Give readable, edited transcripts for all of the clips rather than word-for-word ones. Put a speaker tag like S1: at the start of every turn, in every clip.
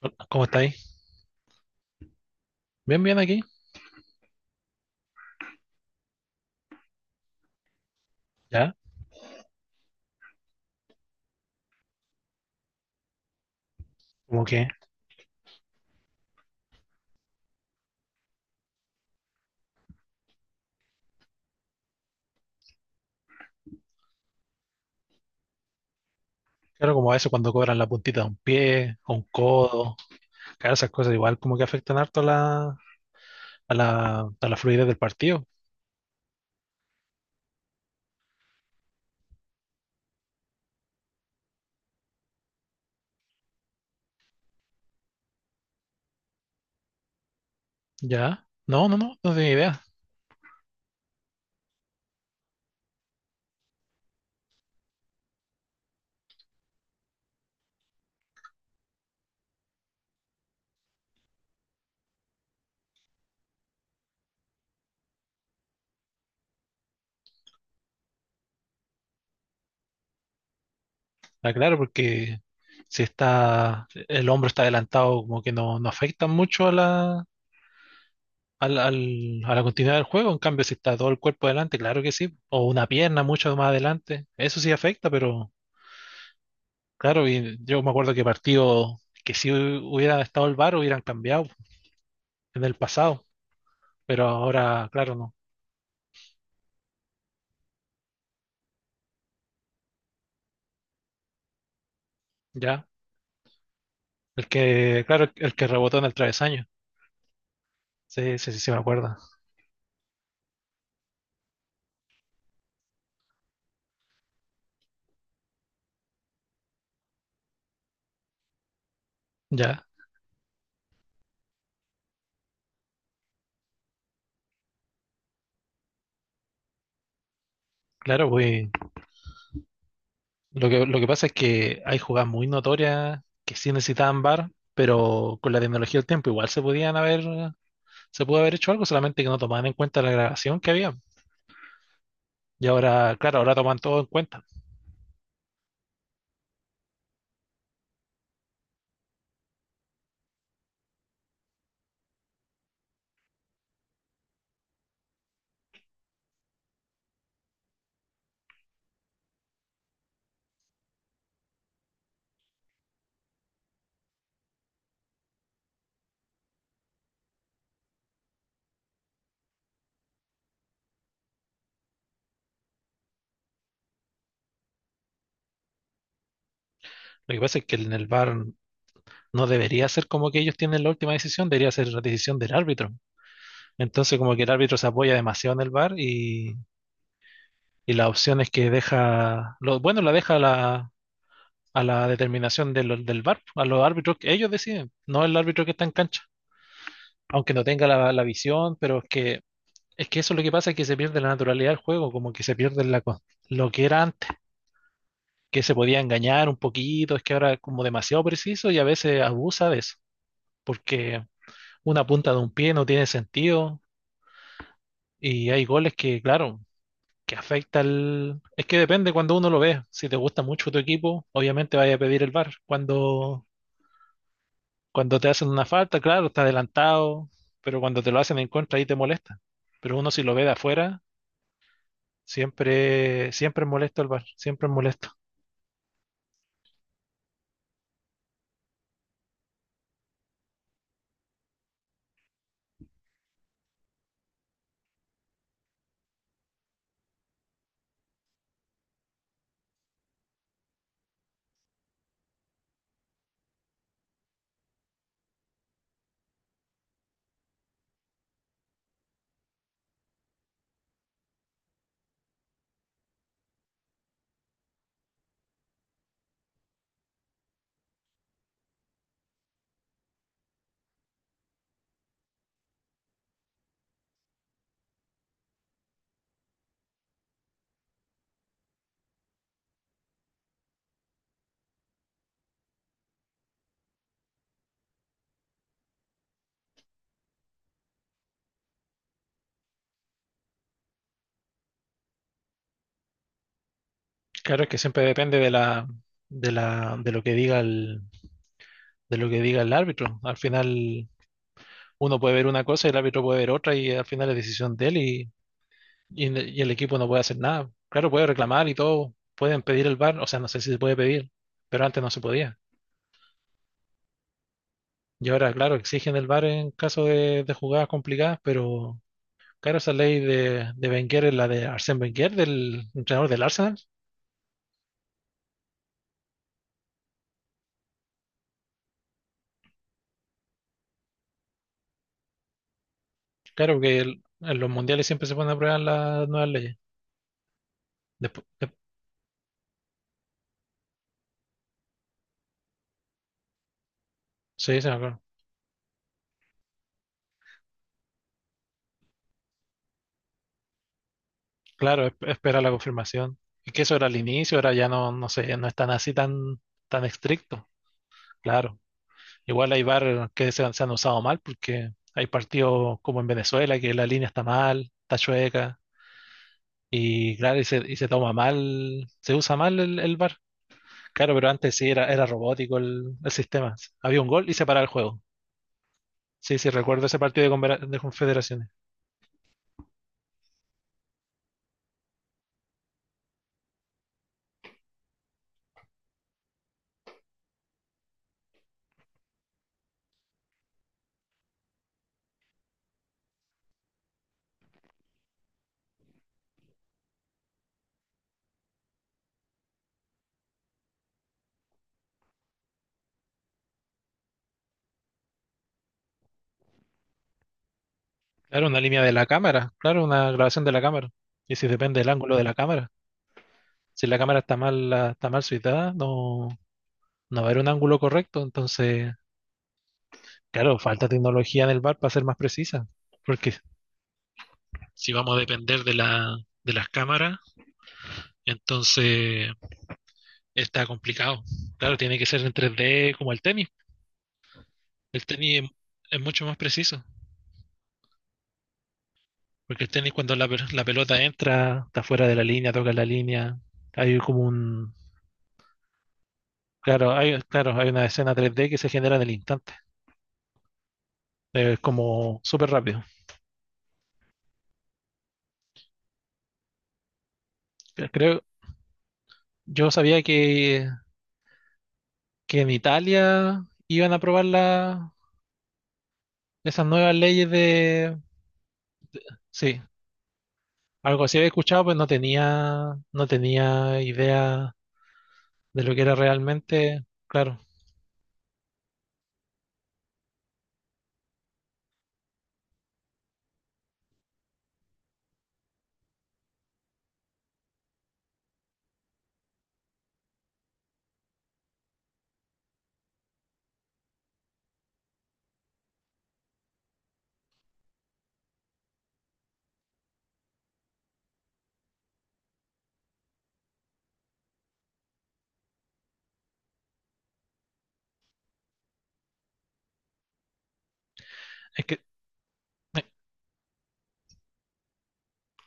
S1: Hola, ¿cómo estáis? Bien, bien aquí. ¿Ya? Como que, claro, como a veces cuando cobran la puntita de un pie, o un codo, claro, esas cosas igual como que afectan harto a la fluidez del partido. ¿Ya? No, no tenía idea. Ah, claro, porque si está, el hombro está adelantado, como que no, no afecta mucho a la, a la continuidad del juego, en cambio si está todo el cuerpo adelante, claro que sí, o una pierna mucho más adelante, eso sí afecta, pero... Claro, y yo me acuerdo que partido que si hubiera estado el VAR hubieran cambiado en el pasado, pero ahora, claro, no. Ya, el que, claro, el que rebotó en el travesaño. Sí, sí, sí, sí me acuerdo. Ya, claro, pues lo que pasa es que hay jugadas muy notorias que sí necesitaban VAR, pero con la tecnología del tiempo igual se podían haber, se pudo haber hecho algo, solamente que no tomaban en cuenta la grabación que había. Y ahora, claro, ahora toman todo en cuenta. Lo que pasa es que en el VAR no debería ser como que ellos tienen la última decisión, debería ser la decisión del árbitro. Entonces, como que el árbitro se apoya demasiado en el VAR y la opción es que deja, lo, bueno, la deja a la determinación de del VAR, a R, a los árbitros que ellos deciden, no el árbitro que está en cancha, aunque no tenga la, la visión, pero es que eso es lo que pasa, es que se pierde la naturalidad del juego, como que se pierde la, lo que era antes, que se podía engañar un poquito, es que ahora es como demasiado preciso y a veces abusa de eso, porque una punta de un pie no tiene sentido. Y hay goles que, claro, que afecta al... Es que depende cuando uno lo ve. Si te gusta mucho tu equipo, obviamente vaya a pedir el VAR. Cuando te hacen una falta, claro, está adelantado, pero cuando te lo hacen en contra, ahí te molesta. Pero uno si lo ve de afuera, siempre, siempre es molesto el VAR, siempre es molesto. Claro, es que siempre depende de la, de lo que de lo que diga el árbitro. Al final, uno puede ver una cosa y el árbitro puede ver otra y al final es decisión de él y el equipo no puede hacer nada. Claro, puede reclamar y todo, pueden pedir el VAR, o sea, no sé si se puede pedir, pero antes no se podía. Y ahora, claro, exigen el VAR en caso de jugadas complicadas, pero claro, esa ley de Wenger es la de Arsène Wenger, del entrenador del Arsenal. Claro que en los mundiales siempre se ponen a prueba las nuevas leyes. Despu- de- sí, se me acuerdo. Claro, espera la confirmación. Y que eso era al inicio, ahora ya no, no sé, no es tan estricto. Claro. Igual hay bar que se han usado mal porque hay partidos como en Venezuela que la línea está mal, está chueca y claro, y se toma mal, se usa mal el bar. Claro, pero antes sí era, era robótico el sistema. Había un gol y se paraba el juego. Sí, sí, recuerdo ese partido de, de Confederaciones. Claro, una línea de la cámara, claro, una grabación de la cámara. Y si depende del ángulo de la cámara. Si la cámara está mal, está mal situada, no, no va a haber un ángulo correcto. Entonces, claro, falta tecnología en el bar para ser más precisa. Porque si vamos a depender de la, de las cámaras, entonces está complicado. Claro, tiene que ser en 3D como el tenis. El tenis es mucho más preciso, porque el tenis cuando la pelota entra, está fuera de la línea, toca la línea, hay como un... Claro, hay una escena 3D que se genera en el instante. Es como súper rápido. Creo, yo sabía que en Italia iban a aprobar la, esas nuevas leyes de... Sí, algo así había escuchado, pues no tenía, no tenía idea de lo que era realmente. Claro, es que, eh,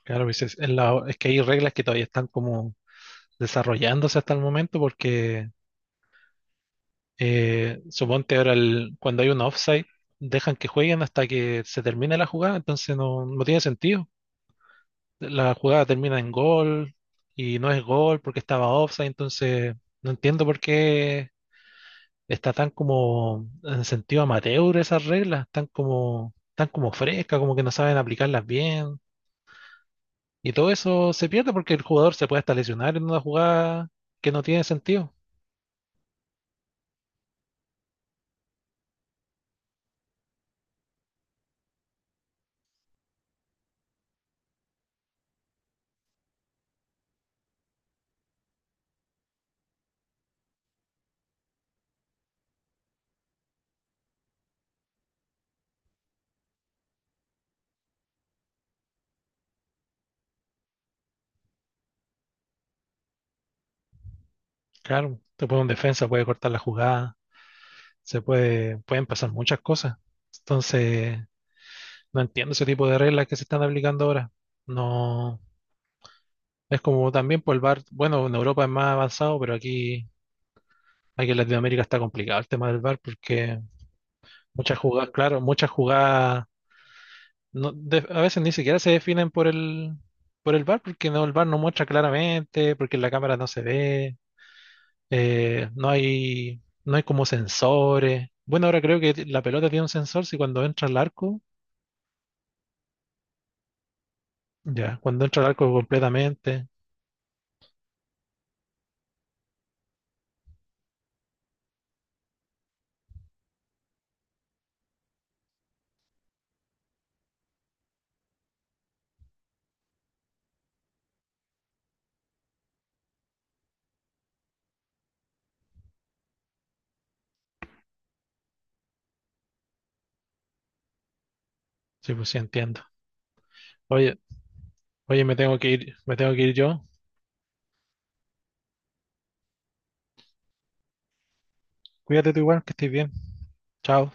S1: claro, pues es, es que hay reglas que todavía están como desarrollándose hasta el momento, porque suponte ahora cuando hay un offside, dejan que jueguen hasta que se termine la jugada, entonces no, no tiene sentido. La jugada termina en gol y no es gol porque estaba offside, entonces no entiendo por qué está tan como en sentido amateur esas reglas, tan como frescas, como que no saben aplicarlas bien. Y todo eso se pierde porque el jugador se puede hasta lesionar en una jugada que no tiene sentido. Claro, te puede un defensa, puede cortar la jugada, se puede, pueden pasar muchas cosas. Entonces, no entiendo ese tipo de reglas que se están aplicando ahora. No, es como también por el VAR, bueno, en Europa es más avanzado, pero aquí, aquí en Latinoamérica está complicado el tema del VAR porque muchas jugadas, claro, muchas jugadas no, a veces ni siquiera se definen por el bar porque no, el bar no muestra claramente, porque en la cámara no se ve, no hay, no hay como sensores. Bueno, ahora creo que la pelota tiene un sensor, si cuando entra al arco, ya, cuando entra al arco completamente. Sí, pues sí entiendo. Oye, oye, me tengo que ir, me tengo que ir yo. Cuídate tú igual, que estés bien. Chao.